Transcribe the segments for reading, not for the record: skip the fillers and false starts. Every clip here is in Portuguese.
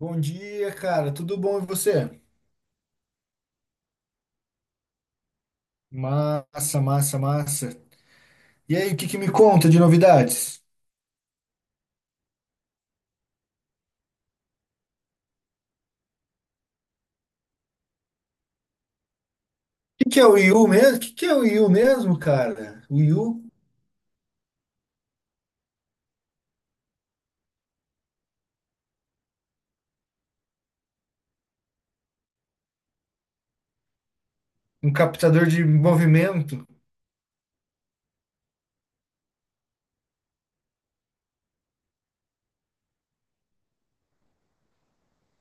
Bom dia, cara. Tudo bom e você? Massa, massa, massa. E aí, o que que me conta de novidades? O que que é o IU mesmo? O que que é o IU mesmo, cara? O IU? Um captador de movimento?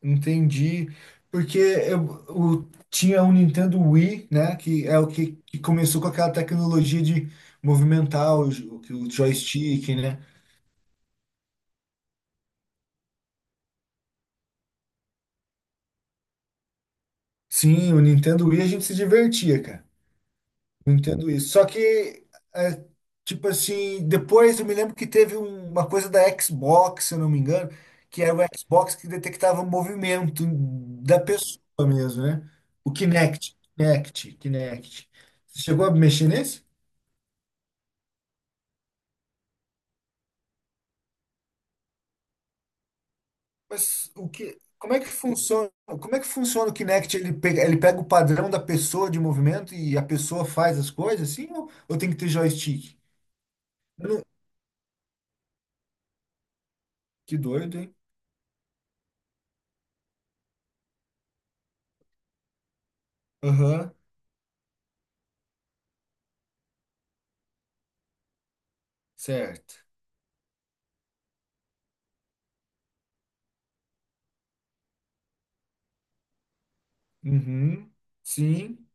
Entendi. Porque eu, tinha um Nintendo Wii, né? Que é o que, que começou com aquela tecnologia de movimentar o, o joystick, né? Sim, o Nintendo Wii a gente se divertia, cara. Eu entendo isso. Só que, é, tipo assim, depois eu me lembro que teve uma coisa da Xbox, se eu não me engano, que era o Xbox que detectava o movimento da pessoa mesmo, né? O Kinect, Kinect, Kinect. Você chegou a mexer nesse? Mas o que, como é que funciona? Como é que funciona o Kinect? Ele pega o padrão da pessoa de movimento e a pessoa faz as coisas assim? Ou tem que ter joystick? Eu não- Que doido, hein? Aham, certo. Uhum, sim,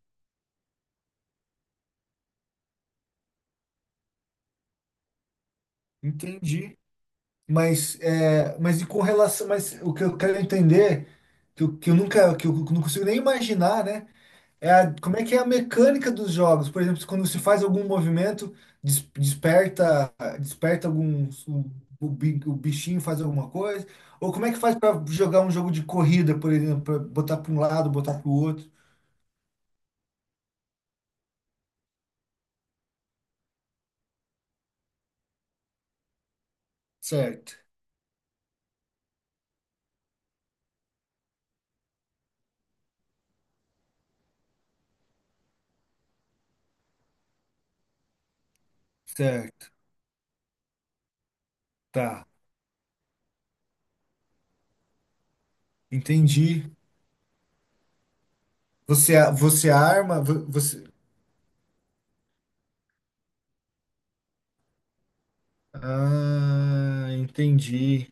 entendi. Mas, é, mas e com relação, mas o que eu quero entender, que eu nunca, que eu não consigo nem imaginar, né? É como é que é a mecânica dos jogos? Por exemplo, quando se faz algum movimento, desperta, desperta algum, o, o bichinho faz alguma coisa? Ou como é que faz para jogar um jogo de corrida, por exemplo, para botar para um lado, botar para o outro? Certo, certo, tá, entendi. Você, você arma, você. Ah, entendi.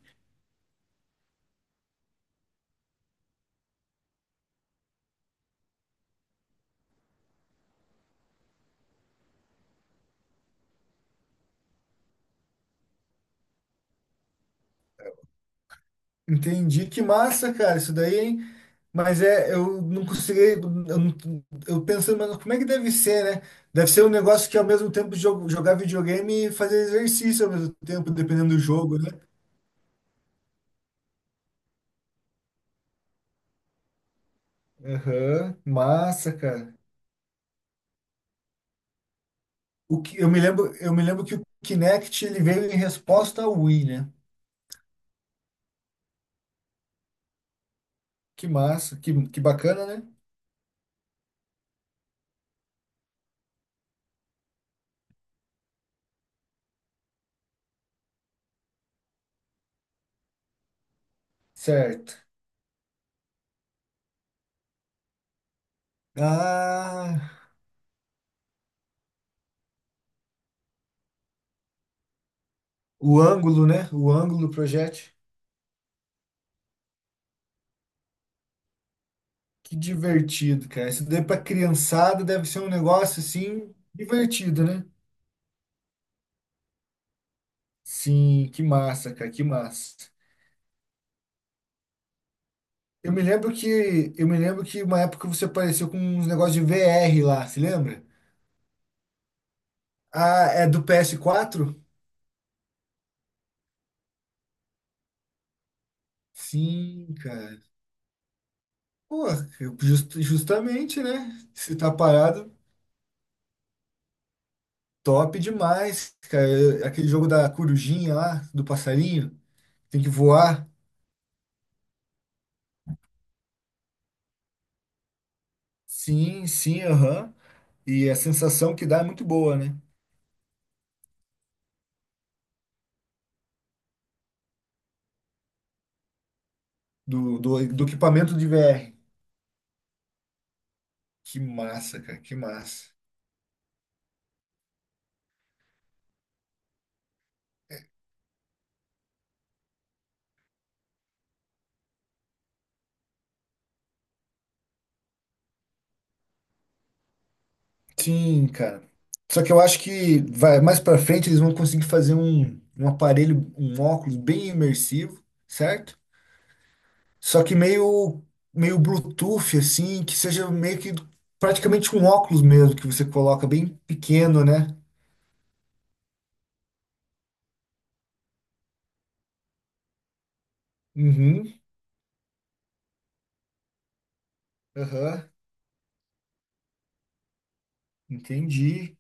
Entendi. Que massa, cara, isso daí, hein? Mas é, eu não consegui. Eu, não, eu pensando, mas como é que deve ser, né? Deve ser um negócio que ao mesmo tempo jogar videogame e fazer exercício ao mesmo tempo, dependendo do jogo, né? Aham, massa, cara. O que, eu me lembro que o Kinect ele veio em resposta ao Wii, né? Que massa, que bacana, né? Certo. Ah, o ângulo, né? O ângulo do projeto. Que divertido, cara. Isso daí pra criançada deve ser um negócio assim divertido, né? Sim, que massa, cara, que massa. Eu me lembro que eu me lembro que uma época você apareceu com uns negócios de VR lá, se lembra? Ah, é do PS4? Sim, cara. Pô, eu- justamente, né? Se tá parado, top demais, cara. Eu, aquele jogo da corujinha lá, do passarinho, tem que voar. Sim, sim, aham. E a sensação que dá é muito boa, né? Do, do, do equipamento de VR. Que massa, cara, que massa. Sim, cara. Só que eu acho que vai mais pra frente eles vão conseguir fazer um, um aparelho, um óculos bem imersivo, certo? Só que meio meio Bluetooth assim, que seja meio que praticamente um óculos mesmo que você coloca bem pequeno, né? Uhum, aham, entendi.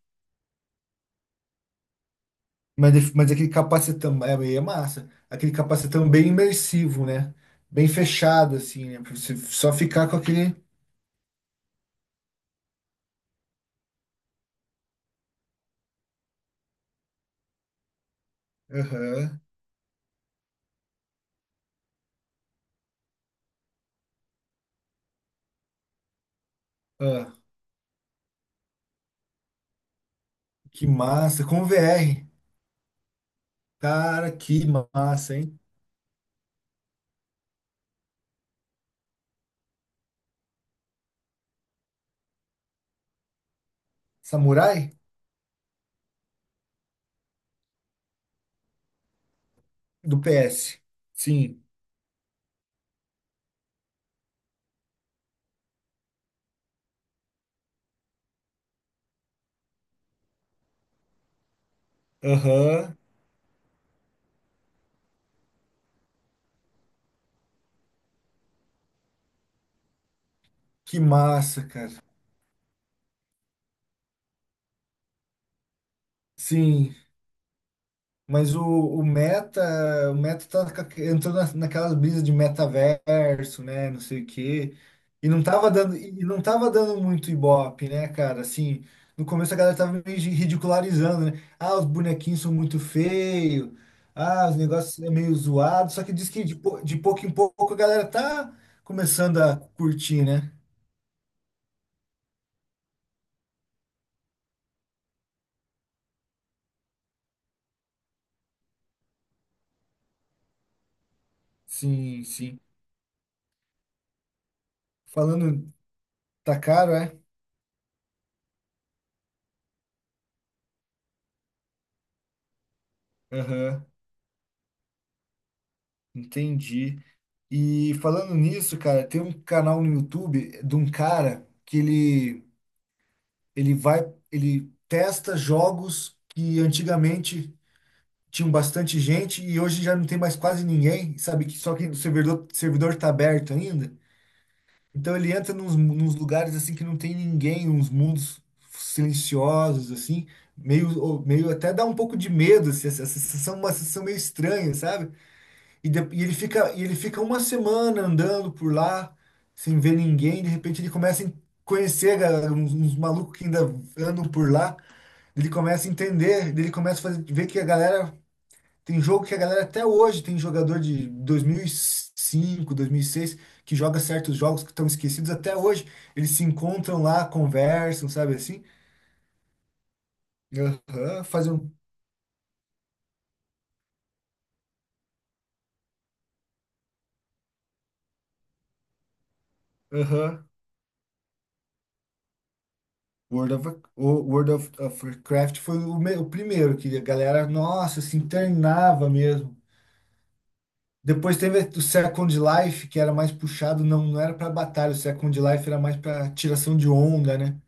Mas, mas aquele capacetão é, é massa. Aquele capacetão bem imersivo, né? Bem fechado, assim, né? Pra você só ficar com aquele. Aham. Ah, que massa. Com VR. Cara, que massa, hein? Samurai? Do PS. Sim. Aham. Que massa, cara. Sim. Mas o Meta tá, entrou na, naquelas brisas de metaverso, né, não sei o quê. E não tava dando, e não tava dando muito ibope, né, cara? Assim, no começo a galera tava meio ridicularizando, né? Ah, os bonequinhos são muito feios. Ah, os negócios é meio zoado. Só que diz que de, de pouco em pouco a galera tá começando a curtir, né? Sim, sim. Falando, tá caro, é? Aham. Entendi. E falando nisso, cara, tem um canal no YouTube de um cara que ele vai, ele testa jogos que antigamente tinham bastante gente e hoje já não tem mais quase ninguém, sabe? Que só que o servidor, servidor tá aberto ainda. Então ele entra nos, nos lugares assim que não tem ninguém, uns mundos silenciosos assim, meio, meio até dá um pouco de medo, assim, essa sensação, uma sensação meio estranha, sabe? E, e ele fica uma semana andando por lá, sem ver ninguém. De repente ele começa a conhecer uns, uns malucos que ainda andam por lá. Ele começa a entender, ele começa a ver que a galera. Tem jogo que a galera até hoje tem jogador de 2005, 2006, que joga certos jogos que estão esquecidos até hoje. Eles se encontram lá, conversam, sabe assim? Aham, fazem um. Aham. World of, o World of, of Warcraft foi o, o primeiro que a galera, nossa, se internava mesmo. Depois teve o Second Life, que era mais puxado, não, não era para batalha, o Second Life era mais para tiração de onda, né?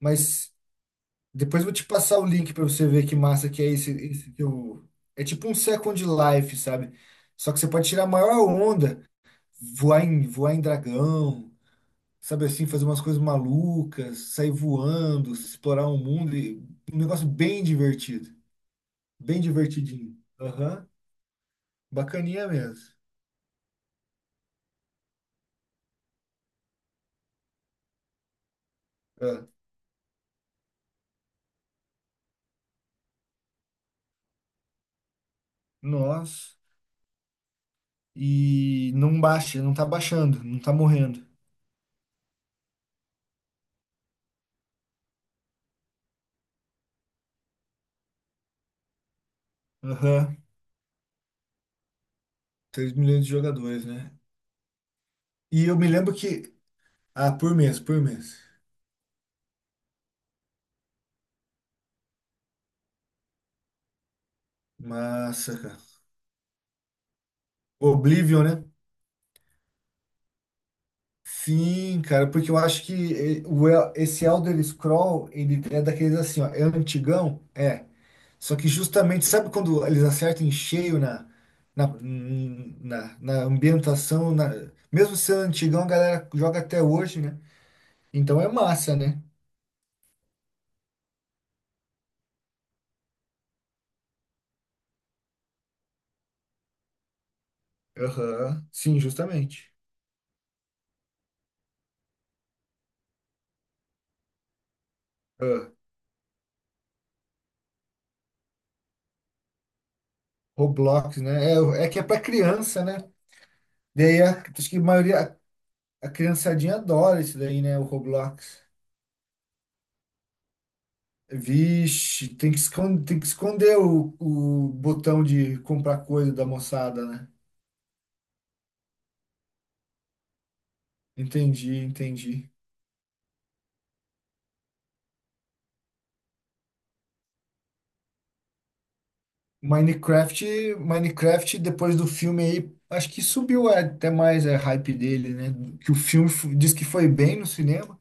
Mas depois eu vou te passar o link para você ver que massa que é esse, esse que eu... É tipo um Second Life, sabe? Só que você pode tirar a maior onda, voar em dragão, sabe assim, fazer umas coisas malucas, sair voando, explorar o mundo, e um negócio bem divertido, bem divertidinho. Aham, bacaninha mesmo. Ah, nossa, e não baixa, não tá baixando, não tá morrendo. Aham, 3 milhões de jogadores, né? E eu me lembro que, ah, por mês, por mês. Massa, cara. Oblivion, né? Sim, cara, porque eu acho que eh, esse Elder Scroll, ele é daqueles assim, ó, é antigão? É. Só que justamente, sabe quando eles acertam em cheio na, na, na, na ambientação, na, mesmo sendo antigão, a galera joga até hoje, né? Então é massa, né? Aham, sim, justamente. Ah, Roblox, né? É, é que é pra criança, né? Daí acho que a maioria, a criançadinha adora isso daí, né? O Roblox. Vixe, tem que esconder o botão de comprar coisa da moçada, né? Entendi, entendi. Minecraft, Minecraft, depois do filme aí, acho que subiu até mais a hype dele, né? Que o filme diz que foi bem no cinema,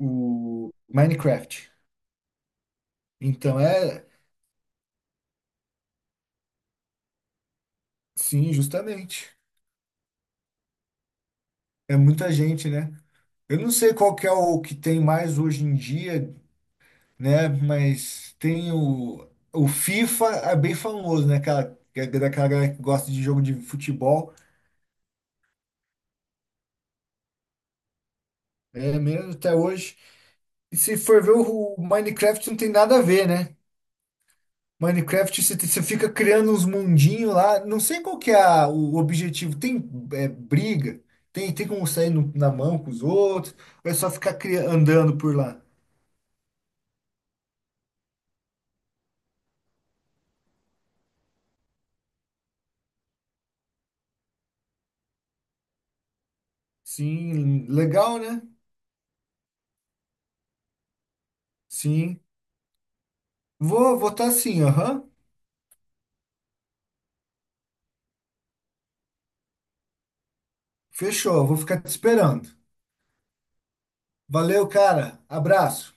o Minecraft. Então é, sim, justamente. É muita gente, né? Eu não sei qual que é o que tem mais hoje em dia, né? Mas tem o FIFA, é bem famoso, né? Aquela, que é daquela galera que gosta de jogo de futebol, é mesmo até hoje. E se for ver o Minecraft, não tem nada a ver, né? Minecraft, você você fica criando uns mundinhos lá. Não sei qual que é o objetivo. Tem é, briga? Tem, tem como sair na mão com os outros? Ou é só ficar andando por lá? Sim, legal, né? Sim. Vou votar sim, aham. Fechou, vou ficar te esperando. Valeu, cara. Abraço.